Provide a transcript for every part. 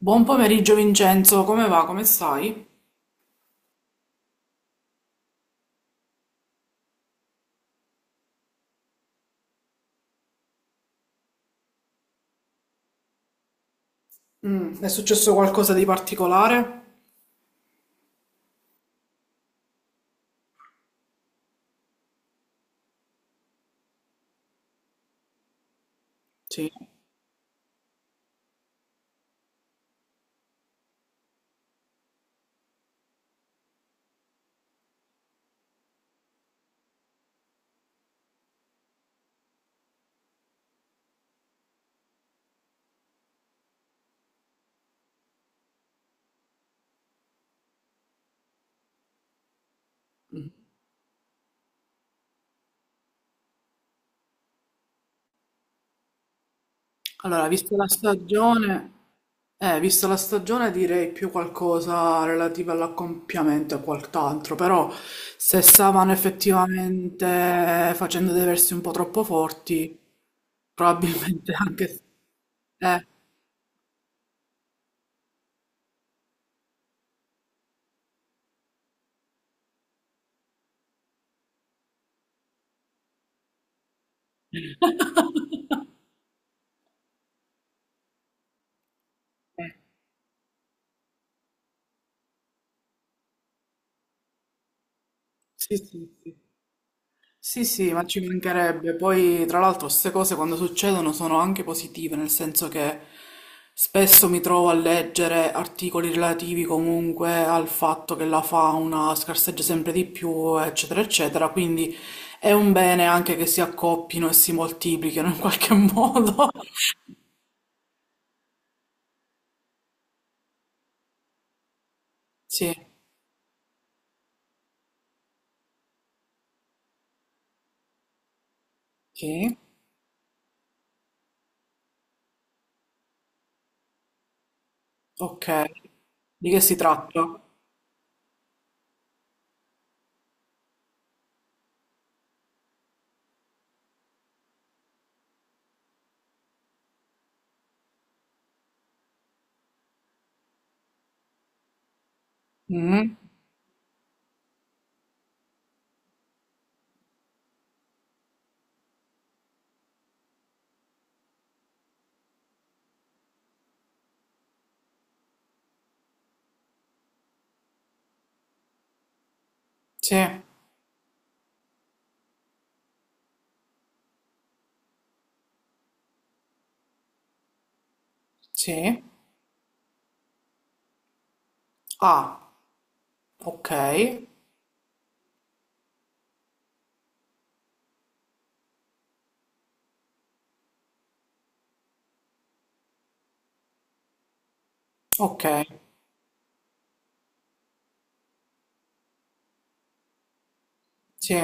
Buon pomeriggio Vincenzo, come va? Come stai? È successo qualcosa di particolare? Sì. Allora, vista la stagione direi più qualcosa relativo all'accoppiamento e quant'altro, però se stavano effettivamente facendo dei versi un po' troppo forti, probabilmente anche... Eh. Sì, sì, sì. Sì, sì, ma ci mancherebbe. Poi, tra l'altro, queste cose quando succedono sono anche positive, nel senso che spesso mi trovo a leggere articoli relativi comunque al fatto che la fauna scarseggia sempre di più, eccetera, eccetera. Quindi è un bene anche che si accoppino e si moltiplichino in qualche modo. Sì, sì, ok. Di che si tratta? Mm, sì, sì. Ah, ok, ok, sì,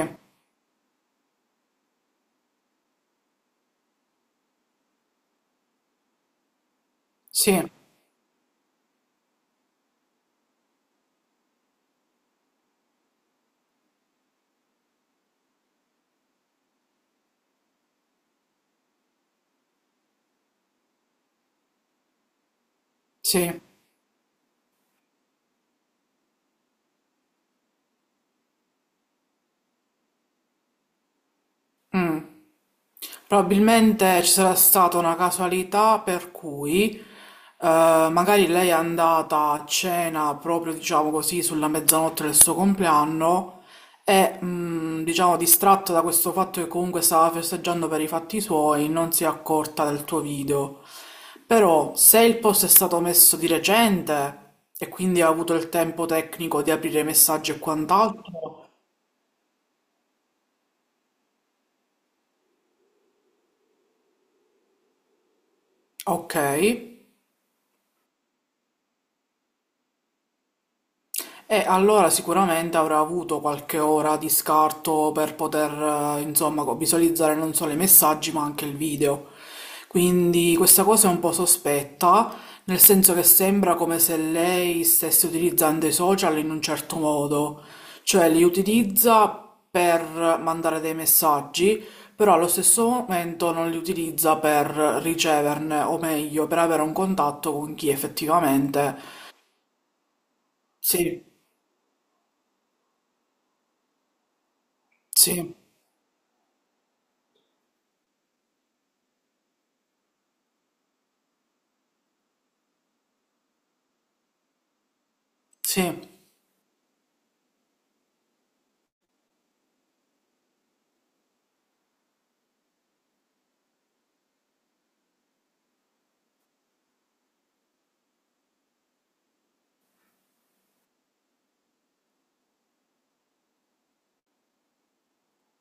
sì. Sì, probabilmente ci sarà stata una casualità per cui magari lei è andata a cena proprio, diciamo così, sulla mezzanotte del suo compleanno e, diciamo, distratta da questo fatto che comunque stava festeggiando per i fatti suoi, non si è accorta del tuo video. Però se il post è stato messo di recente e quindi ha avuto il tempo tecnico di aprire i messaggi e quant'altro, ok. E allora sicuramente avrà avuto qualche ora di scarto per poter, insomma, visualizzare non solo i messaggi ma anche il video. Quindi questa cosa è un po' sospetta, nel senso che sembra come se lei stesse utilizzando i social in un certo modo, cioè li utilizza per mandare dei messaggi, però allo stesso momento non li utilizza per riceverne, o meglio, per avere un contatto con chi effettivamente... Sì, sì. Sì,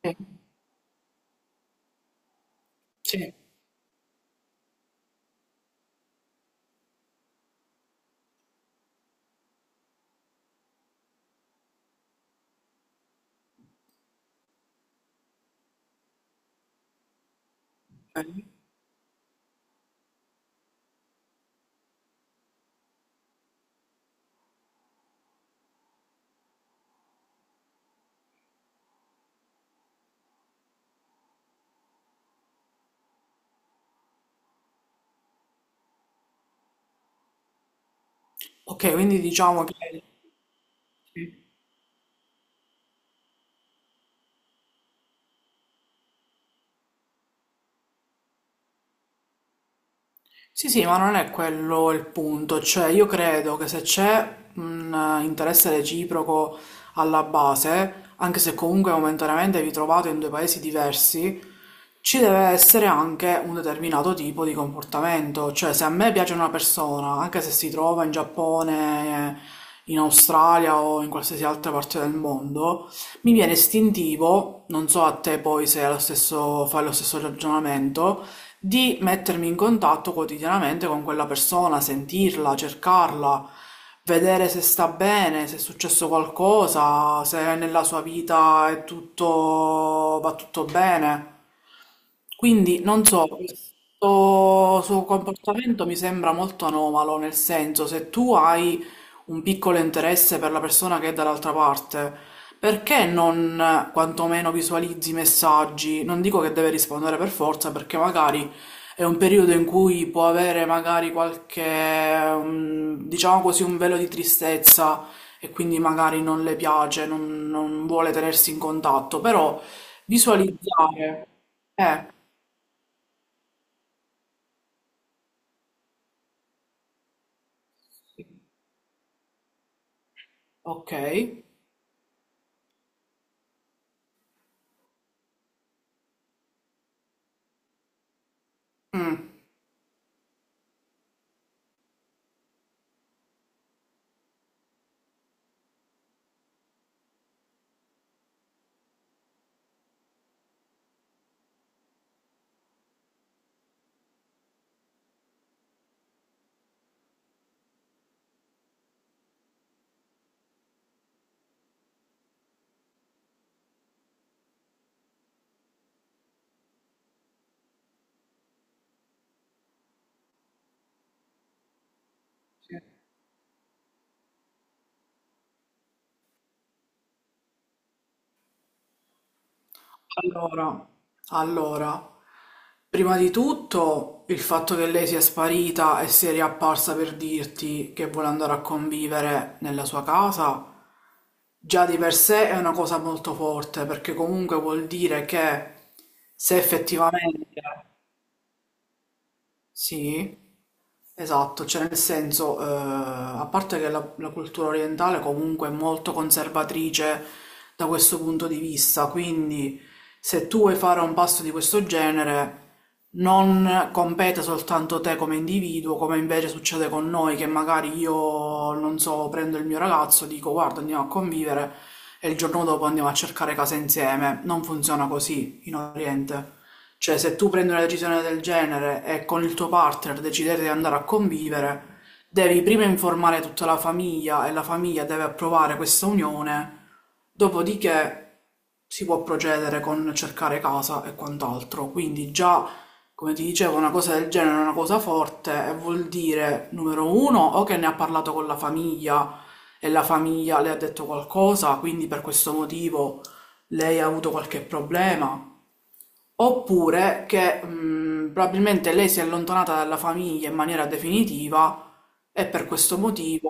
sì, sì. Ok, ok, quindi diciamo che... Sì, sì, ma non è quello il punto, cioè io credo che se c'è un interesse reciproco alla base, anche se comunque momentaneamente vi trovate in due paesi diversi, ci deve essere anche un determinato tipo di comportamento, cioè se a me piace una persona, anche se si trova in Giappone, in Australia o in qualsiasi altra parte del mondo, mi viene istintivo, non so a te poi se è lo stesso, fai lo stesso ragionamento, di mettermi in contatto quotidianamente con quella persona, sentirla, cercarla, vedere se sta bene, se è successo qualcosa, se nella sua vita è tutto, va tutto bene. Quindi non so, questo suo comportamento mi sembra molto anomalo, nel senso se tu hai un piccolo interesse per la persona che è dall'altra parte, perché non quantomeno visualizzi i messaggi? Non dico che deve rispondere per forza, perché magari è un periodo in cui può avere magari qualche, diciamo così, un velo di tristezza e quindi magari non le piace, non vuole tenersi in contatto, però visualizzare eh, sì, okay. Mh. Allora, allora, prima di tutto il fatto che lei sia sparita e sia riapparsa per dirti che vuole andare a convivere nella sua casa, già di per sé è una cosa molto forte, perché comunque vuol dire che se effettivamente sì, esatto, cioè nel senso, a parte che la, la cultura orientale comunque è molto conservatrice da questo punto di vista, quindi se tu vuoi fare un pasto di questo genere non compete soltanto te come individuo, come invece succede con noi, che magari io, non so, prendo il mio ragazzo, dico guarda andiamo a convivere e il giorno dopo andiamo a cercare casa insieme. Non funziona così in Oriente. Cioè, se tu prendi una decisione del genere e con il tuo partner decidete di andare a convivere, devi prima informare tutta la famiglia e la famiglia deve approvare questa unione, dopodiché si può procedere con cercare casa e quant'altro. Quindi già, come ti dicevo, una cosa del genere è una cosa forte e vuol dire, numero uno, o che ne ha parlato con la famiglia e la famiglia le ha detto qualcosa, quindi per questo motivo lei ha avuto qualche problema. Oppure che probabilmente lei si è allontanata dalla famiglia in maniera definitiva e per questo motivo,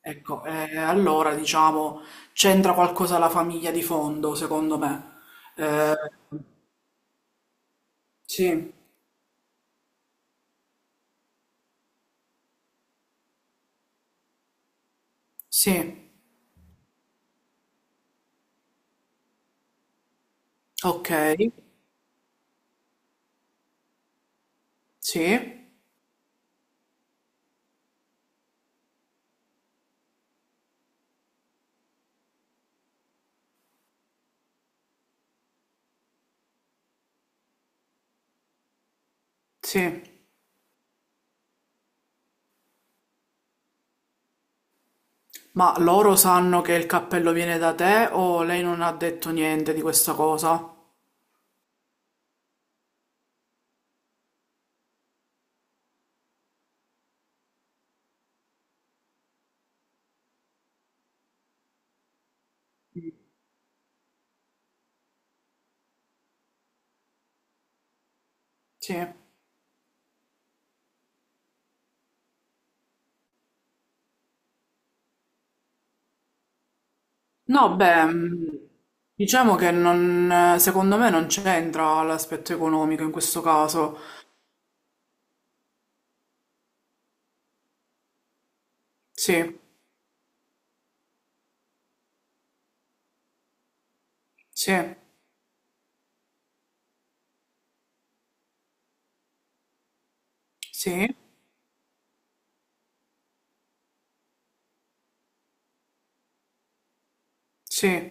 ecco, allora diciamo c'entra qualcosa la famiglia di fondo, secondo me. Eh, sì, sì, ok, sì, sì. Ma loro sanno che il cappello viene da te o lei non ha detto niente di questa cosa? Sì. No, beh, diciamo che non, secondo me non c'entra l'aspetto economico in questo caso. Sì, sì, sì, sì.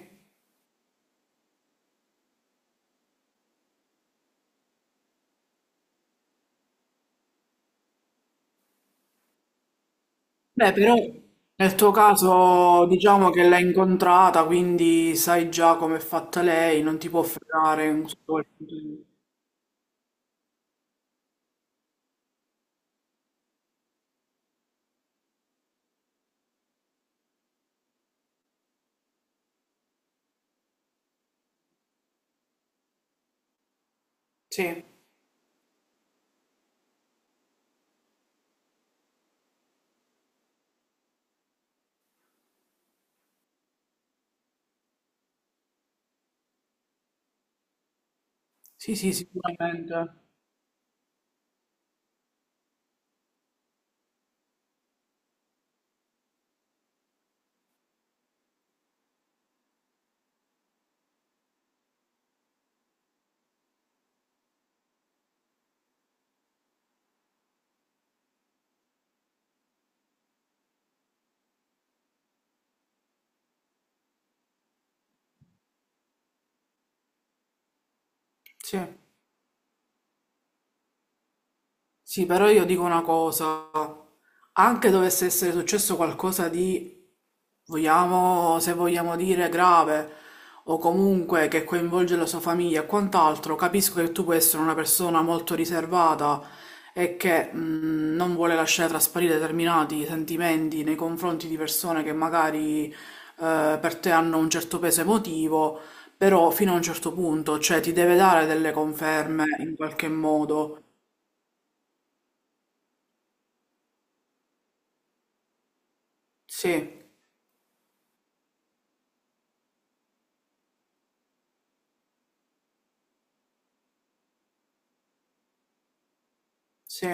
Beh, però nel tuo caso diciamo che l'hai incontrata, quindi sai già come è fatta lei, non ti può fregare in questo quel punto di vista. Sì, sì, sì, sicuramente. Sì. Sì, però io dico una cosa. Anche dovesse essere successo qualcosa di, vogliamo, se vogliamo dire, grave o comunque che coinvolge la sua famiglia e quant'altro, capisco che tu puoi essere una persona molto riservata e che non vuole lasciare trasparire determinati sentimenti nei confronti di persone che magari per te hanno un certo peso emotivo, però fino a un certo punto, cioè ti deve dare delle conferme in qualche modo. Sì, sì,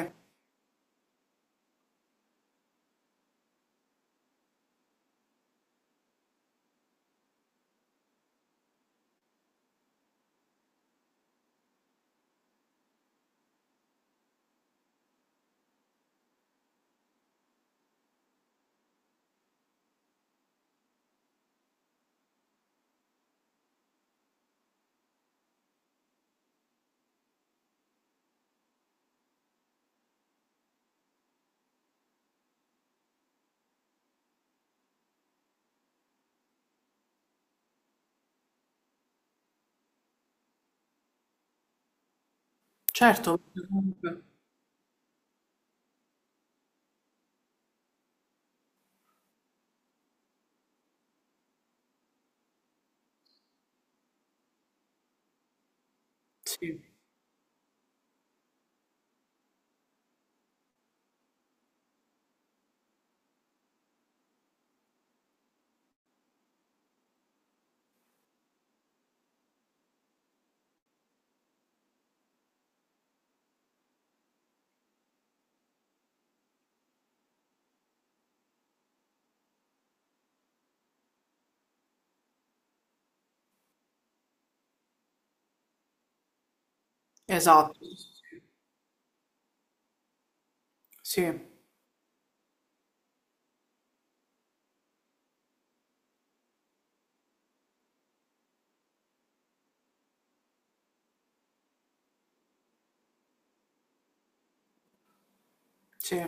certo. comunque- Sì, esatto. Sì, sì.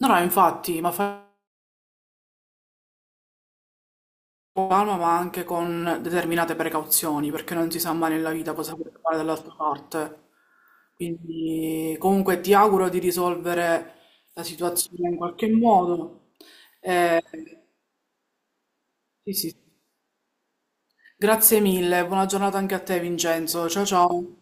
No, no, infatti, ma fa con calma, ma anche con determinate precauzioni, perché non si sa mai nella vita cosa può fare dall'altra parte. Quindi, comunque, ti auguro di risolvere la situazione in qualche modo. Eh, sì, sì. Grazie mille, buona giornata anche a te, Vincenzo. Ciao, ciao.